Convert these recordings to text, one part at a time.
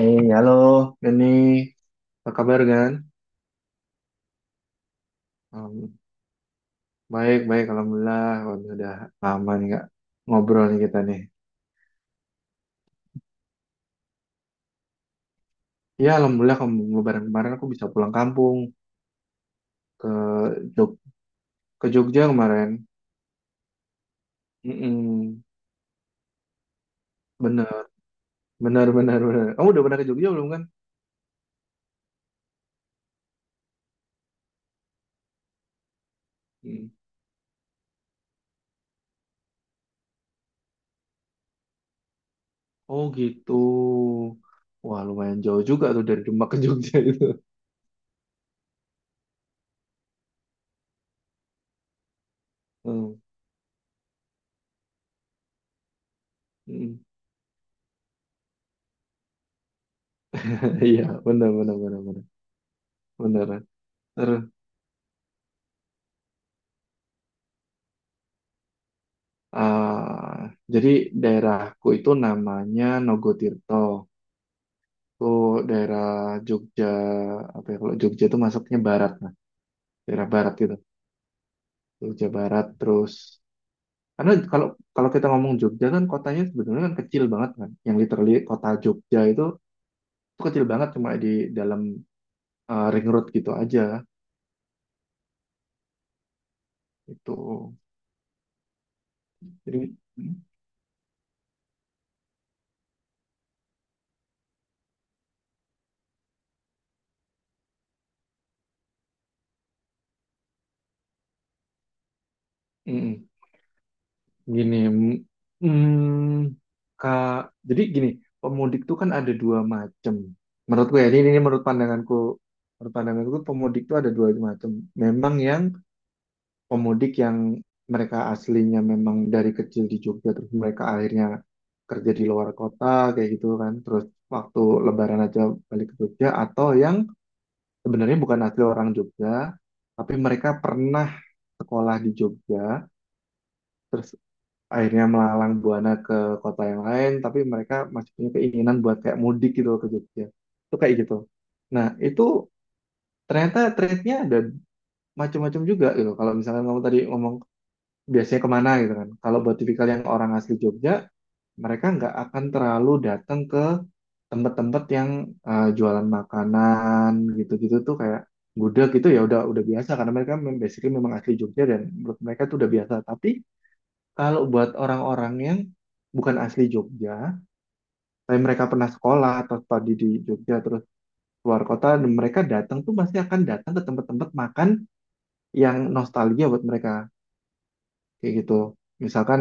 Halo, Dani. Apa kabar, Gan? Em, baik, baik, Alhamdulillah. Waduh, udah lama nih, Kak, ngobrol nih kita nih. Ya, Alhamdulillah, kem- kemarin kemarin aku bisa pulang kampung ke Jog Jogja kemarin. Mm-mm. Bener, bener, bener, bener. Kamu udah pernah ke Jogja belum, kan? Mm. Oh, gitu. Wah, lumayan jauh juga tuh dari Demak ke Jogja itu. Mm. Mm. Iya, bener, bener, bener, bener. Bener. Jadi daerahku itu namanya Nogotirto. Itu daerah Jogja, apa ya, kalau Jogja itu masuknya barat, nah, daerah barat gitu. Jogja barat terus karena kalau kalau kita ngomong Jogja kan kotanya sebetulnya kan kecil banget kan. Yang literally kota Jogja itu kecil banget cuma di dalam ring road gitu aja itu. Jadi mm, mm. Gini, mm, Kak, jadi gini, pemudik tuh kan ada dua macam. Menurutku ya, ini menurut pandanganku. Menurut pandanganku pemudik tuh ada dua macam. Memang pemudik yang mereka aslinya memang dari kecil di Jogja, terus mereka akhirnya kerja di luar kota, kayak gitu kan. Terus waktu Lebaran aja balik ke Jogja, atau yang sebenarnya bukan asli orang Jogja, tapi mereka pernah sekolah di Jogja, terus akhirnya melalang buana ke kota yang lain tapi mereka masih punya keinginan buat kayak mudik gitu loh ke Jogja itu kayak gitu nah itu ternyata trade-nya ada macam-macam juga gitu kalau misalkan kamu tadi ngomong biasanya kemana gitu kan kalau buat tipikal yang orang asli Jogja mereka nggak akan terlalu datang ke tempat-tempat yang jualan makanan gitu-gitu tuh kayak gudeg itu ya udah biasa karena mereka basically memang asli Jogja dan menurut mereka tuh udah biasa tapi kalau buat orang-orang yang bukan asli Jogja, tapi mereka pernah sekolah atau studi di Jogja terus keluar kota, dan mereka datang tuh pasti akan datang ke tempat-tempat makan yang nostalgia buat mereka kayak gitu. Misalkan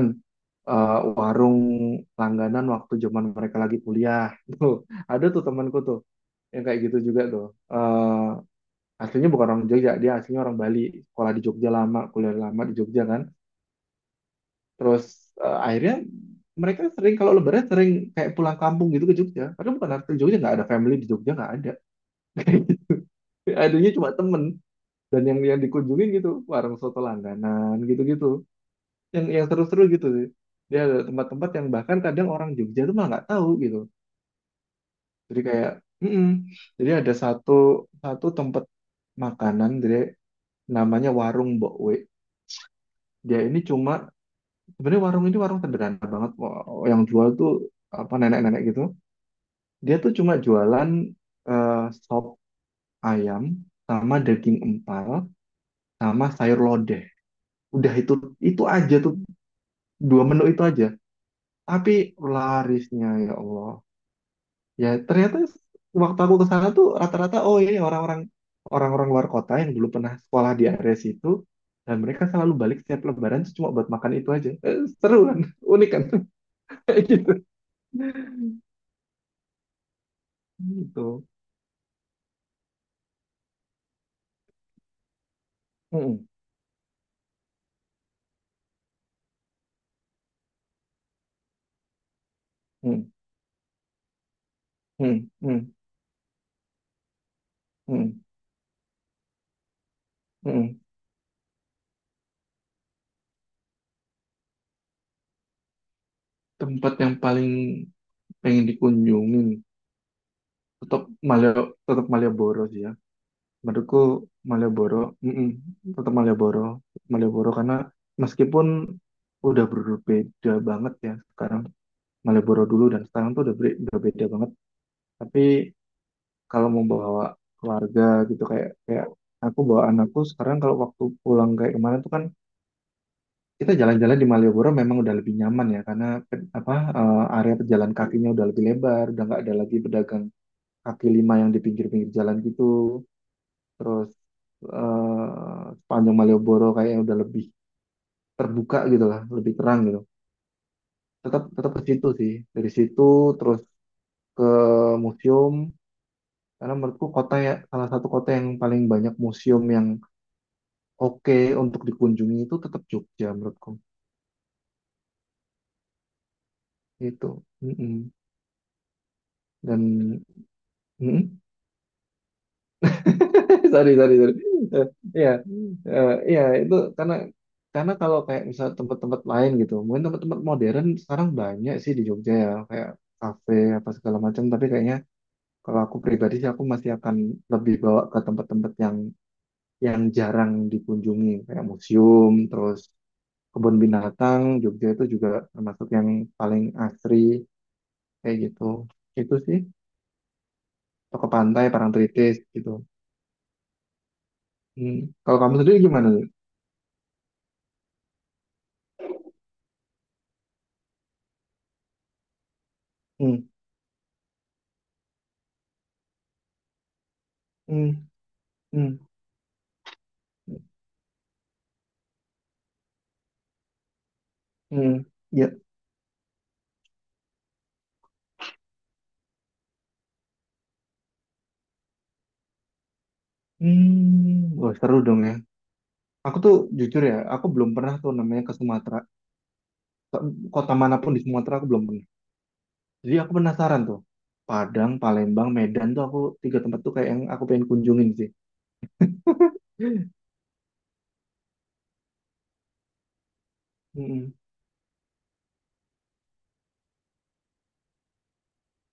warung langganan waktu zaman mereka lagi kuliah. Tuh, ada tuh temanku tuh yang kayak gitu juga tuh. Eh, aslinya bukan orang Jogja, dia aslinya orang Bali, sekolah di Jogja lama, kuliah lama di Jogja kan. Terus akhirnya mereka sering kalau lebaran sering kayak pulang kampung gitu ke Jogja. Padahal bukan arti Jogja nggak ada family di Jogja nggak ada. Kayak gitu. Adanya cuma temen dan yang dikunjungin gitu warung soto langganan gitu-gitu. Yang seru-seru gitu sih. Dia ada tempat-tempat yang bahkan kadang orang Jogja tuh malah nggak tahu gitu. Jadi kayak, mm-mm. Jadi ada satu satu tempat makanan jadi namanya warung Mbok We. Dia ini cuma sebenarnya warung ini warung sederhana banget. Wah, yang jual tuh apa nenek-nenek gitu. Dia tuh cuma jualan eh, sop ayam sama daging empal sama sayur lodeh. Udah itu aja tuh dua menu itu aja. Tapi larisnya ya Allah. Ya ternyata waktu aku ke sana tuh rata-rata oh ini orang-orang luar kota yang dulu pernah sekolah di area situ dan mereka selalu balik setiap lebaran tuh cuma buat makan itu aja. Eh, seru kan? Unik kan? Kayak gitu. Gitu. Mm-mm. Mm-mm. Mm-mm. Tempat yang paling pengen dikunjungin tetap Malio tetap Malioboro sih ya menurutku Malioboro mm-mm, tetap Malioboro Malioboro karena meskipun udah berbeda banget ya sekarang Malioboro dulu dan sekarang tuh udah beda banget tapi kalau mau bawa keluarga gitu kayak kayak aku bawa anakku sekarang kalau waktu pulang kayak kemarin tuh kan kita jalan-jalan di Malioboro memang udah lebih nyaman ya karena area pejalan kakinya udah lebih lebar udah nggak ada lagi pedagang kaki lima yang di pinggir-pinggir jalan gitu. Terus sepanjang Malioboro kayaknya udah lebih terbuka gitu lah, lebih terang gitu. Tetap tetap ke situ sih. Dari situ terus ke museum karena menurutku kota ya salah satu kota yang paling banyak museum yang oke untuk dikunjungi itu tetap Jogja menurutku. Itu. Dan sorry, sorry, sorry. Eh, Iya, iya itu karena kalau kayak misal tempat-tempat lain gitu, mungkin tempat-tempat modern sekarang banyak sih di Jogja ya, kayak kafe apa segala macam. Tapi kayaknya kalau aku pribadi sih aku masih akan lebih bawa ke tempat-tempat yang jarang dikunjungi, kayak museum, terus kebun binatang. Jogja itu juga termasuk yang paling asri kayak gitu. Itu sih, atau ke pantai, Parangtritis gitu. Hmm. Kalau kamu sendiri gimana? Lin? Hmm. Hmm. Hmm. Hmm, ya. Hmm, wah seru dong ya. Aku tuh jujur ya, aku belum pernah tuh namanya ke Sumatera. Ke- Kota manapun di Sumatera aku belum pernah. Jadi aku penasaran tuh. Padang, Palembang, Medan tuh aku tiga tempat tuh kayak yang aku pengen kunjungin sih. Hmm, hmm,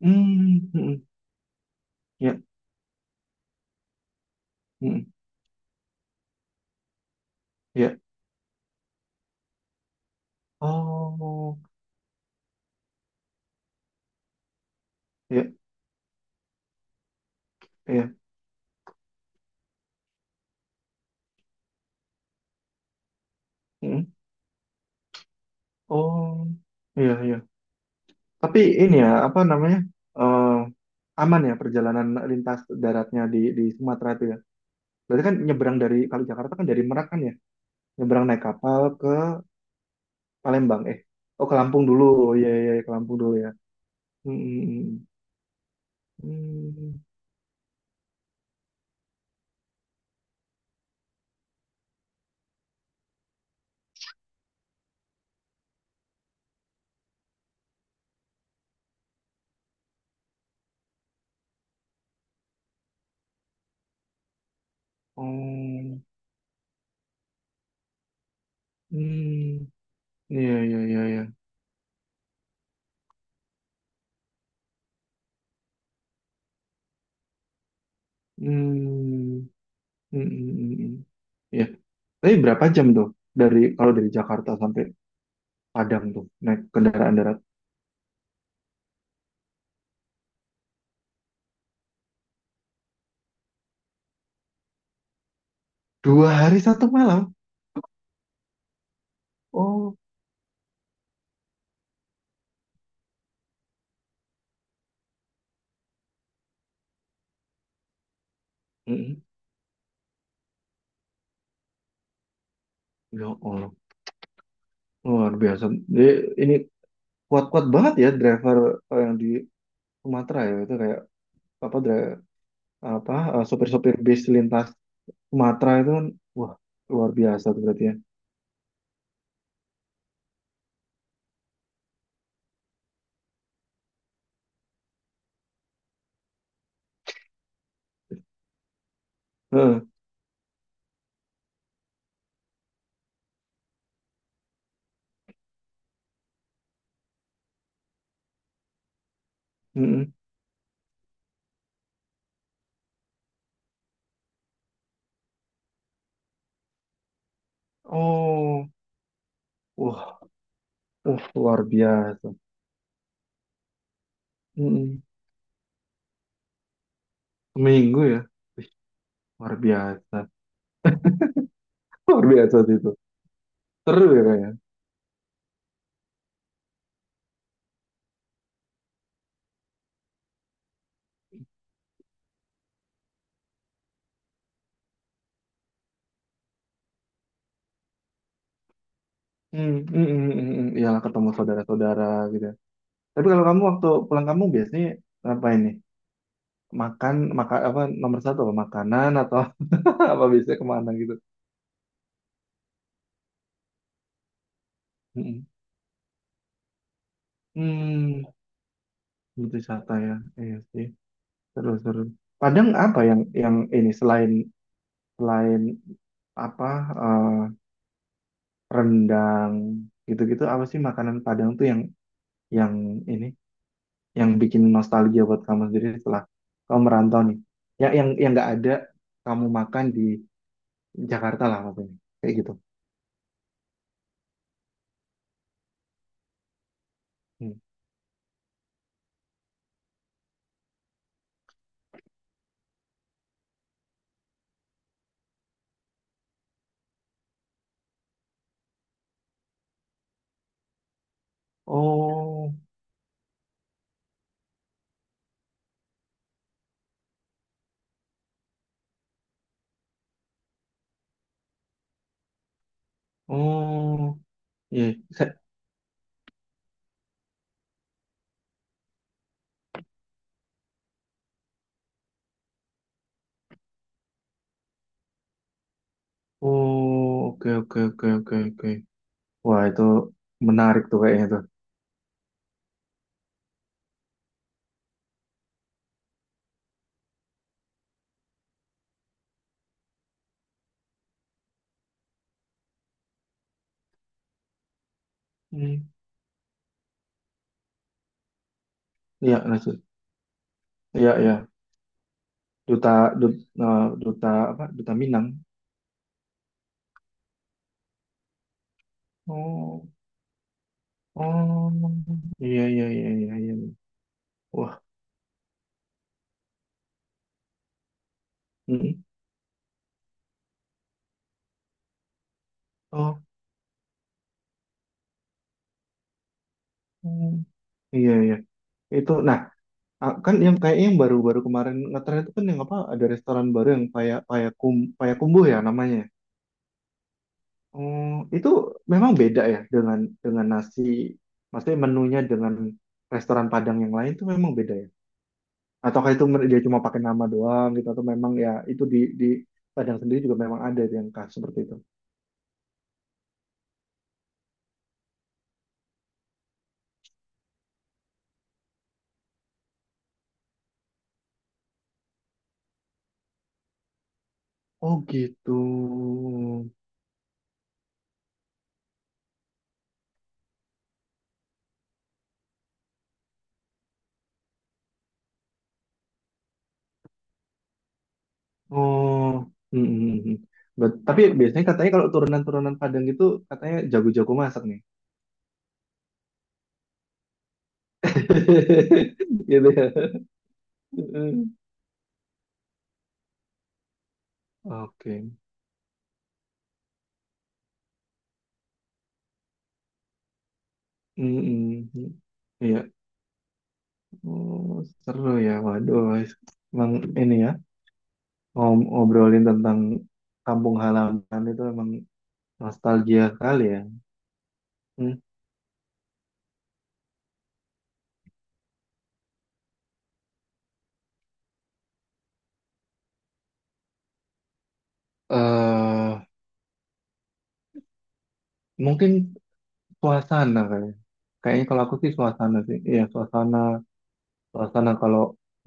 hmm, hmm. Ya, hmm, ya. Oh, ya, ya. Hmm, oh, iya, iya. Tapi ini ya, apa namanya? eh aman ya perjalanan lintas daratnya di Sumatera itu ya? Berarti kan nyebrang dari kalau Jakarta kan dari Merak kan ya, nyebrang naik kapal ke Palembang eh. Oh ke Lampung dulu, oh iya iya iya, ke Lampung dulu ya. Hmm, hmm, hmm. Hmm. Oh, hmm. Hmm. Iya iya iya iya. Hmm, hmm, hmm, hmm, hmm. Iya. Tapi berapa jam tuh dari kalau dari Jakarta sampai Padang tuh naik kendaraan darat? Dua hari satu malam. Oh, mm-mm. Ya Allah, luar biasa. Jadi, ini kuat-kuat banget ya driver yang di Sumatera ya itu kayak apa dra- apa eh, sopir-sopir bis lintas Sumatera itu kan wah luar biasa tuh berarti ya. Heeh, mm-mm. Oh, wah, wah luar biasa. Mm-mm. Seminggu ya. Wih, luar biasa. Luar biasa sih itu. Seru ya kayaknya. Hmm, mm, mm, mm, mm. Iyalah ketemu saudara-saudara gitu. Tapi kalau kamu waktu pulang kamu biasanya ngapain nih? Makan, apa nomor satu apa makanan atau apa biasanya kemana gitu? Mm, mm. Hmm, wisata ya. Iya sih. Seru, seru. Padang apa yang ini selain selain apa eh, rendang gitu-gitu apa sih makanan Padang tuh yang ini yang bikin nostalgia buat kamu sendiri setelah kamu merantau nih. Yang yang nggak ada kamu makan di Jakarta lah maksudnya. Kayak gitu. Hmm. Oh, oh, iya. Sa- Oh, oke oke oke oke oke. Wah, itu menarik tuh kayaknya tuh. Hmm. Iya, lanjut. Iya, iya. duta duta, duta apa duta Minang. Oh oh iya iya iya iya iya wah mm, oh mm, iya iya itu nah ah, kan yang kayaknya yang baru-baru kemarin ngetren itu kan yang apa ada restoran baru yang payakumbuh ya namanya. Oh itu memang beda ya dengan nasi maksudnya menunya dengan restoran Padang yang lain itu memang beda ya ataukah itu dia cuma pakai nama doang gitu atau memang ya itu di Padang sendiri juga memang ada yang khas seperti itu. Oh gitu. Oh, mm, mm, mm. Tapi biasanya katanya kalau turunan-turunan Padang itu katanya jago-jago masak nih. Gitu ya. Oke. Mm, oke. Mm, mm. Iya. Oh, seru ya. Waduh, guys. Emang ini ya ngobrolin tentang kampung halaman itu emang nostalgia kali ya. Hmm. eh mungkin suasana kali. Ya. Kayaknya kalau aku sih suasana sih. Iya, suasana karena kalau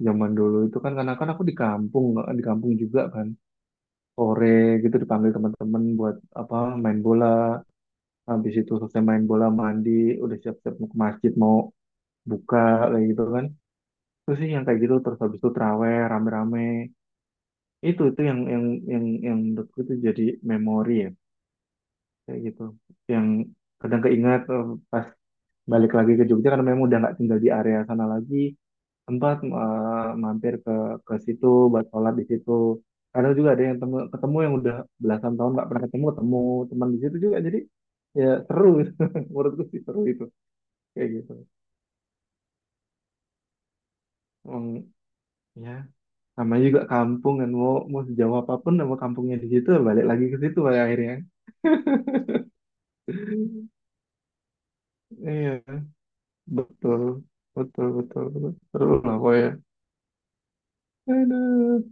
zaman dulu itu kan karena kan aku di kampung nggak- di kampung juga kan sore gitu dipanggil teman-teman buat apa main bola habis itu selesai main bola mandi udah siap-siap mau ke masjid mau buka kayak gitu kan terus sih yang kayak gitu terus habis itu traweh rame-rame itu yang yang menurutku itu jadi memori ya kayak gitu yang kadang keingat pas balik lagi ke Jogja karena memang udah nggak tinggal di area sana lagi sempat mampir ke situ buat sholat di situ. Kadang juga ada yang ketemu yang udah belasan tahun nggak pernah ketemu, ketemu teman di situ juga. Jadi ya seru gitu. Menurutku sih seru itu kayak gitu. Emang ya namanya juga kampung kan mau mau sejauh apapun sama kampungnya di situ balik lagi ke situ pada akhirnya. Iya betul betul betul betul seru lah pokoknya. Aduh.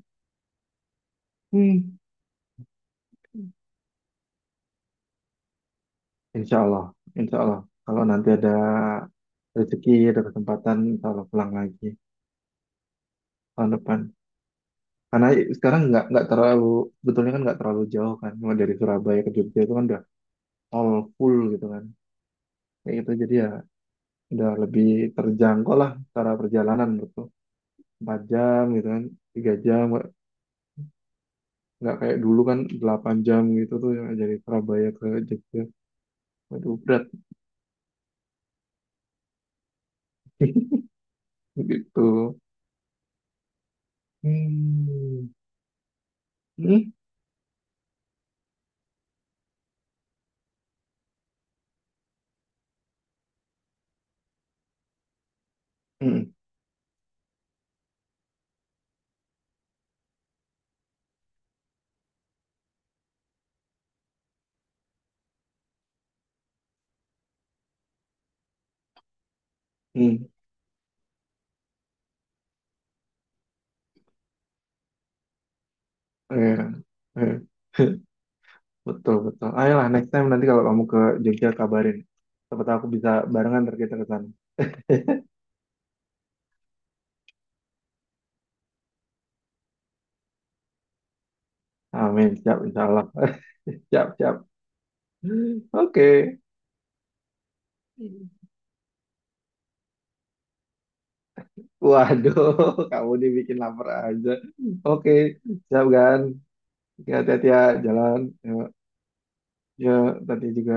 Hmm. Insya Allah, insya Allah. Kalau nanti ada rezeki, ada kesempatan, insya Allah pulang lagi tahun depan. Karena sekarang nggak terlalu, betulnya kan nggak terlalu jauh kan. Cuma dari Surabaya ke Jogja itu kan udah all full gitu kan. Kayak gitu, jadi ya udah lebih terjangkau lah secara perjalanan gitu. 4 jam gitu kan, 3 jam, nggak kayak dulu kan 8 jam gitu tuh yang dari Surabaya ke Jogja. Waduh, berat gitu. Hmm. Hmm. Hmm. Hmm. Eh. Eh. Betul, betul. Ayolah, next time nanti kalau kamu ke Jogja kabarin. Siapa tahu aku bisa barengan ntar kita ke sana. Amin, siap, insya Allah. Siap, siap. Oke. Waduh, kamu dibikin lapar aja. Oke, siap kan? Ya, hati-hati ya, jalan. Ya, ya, tadi juga.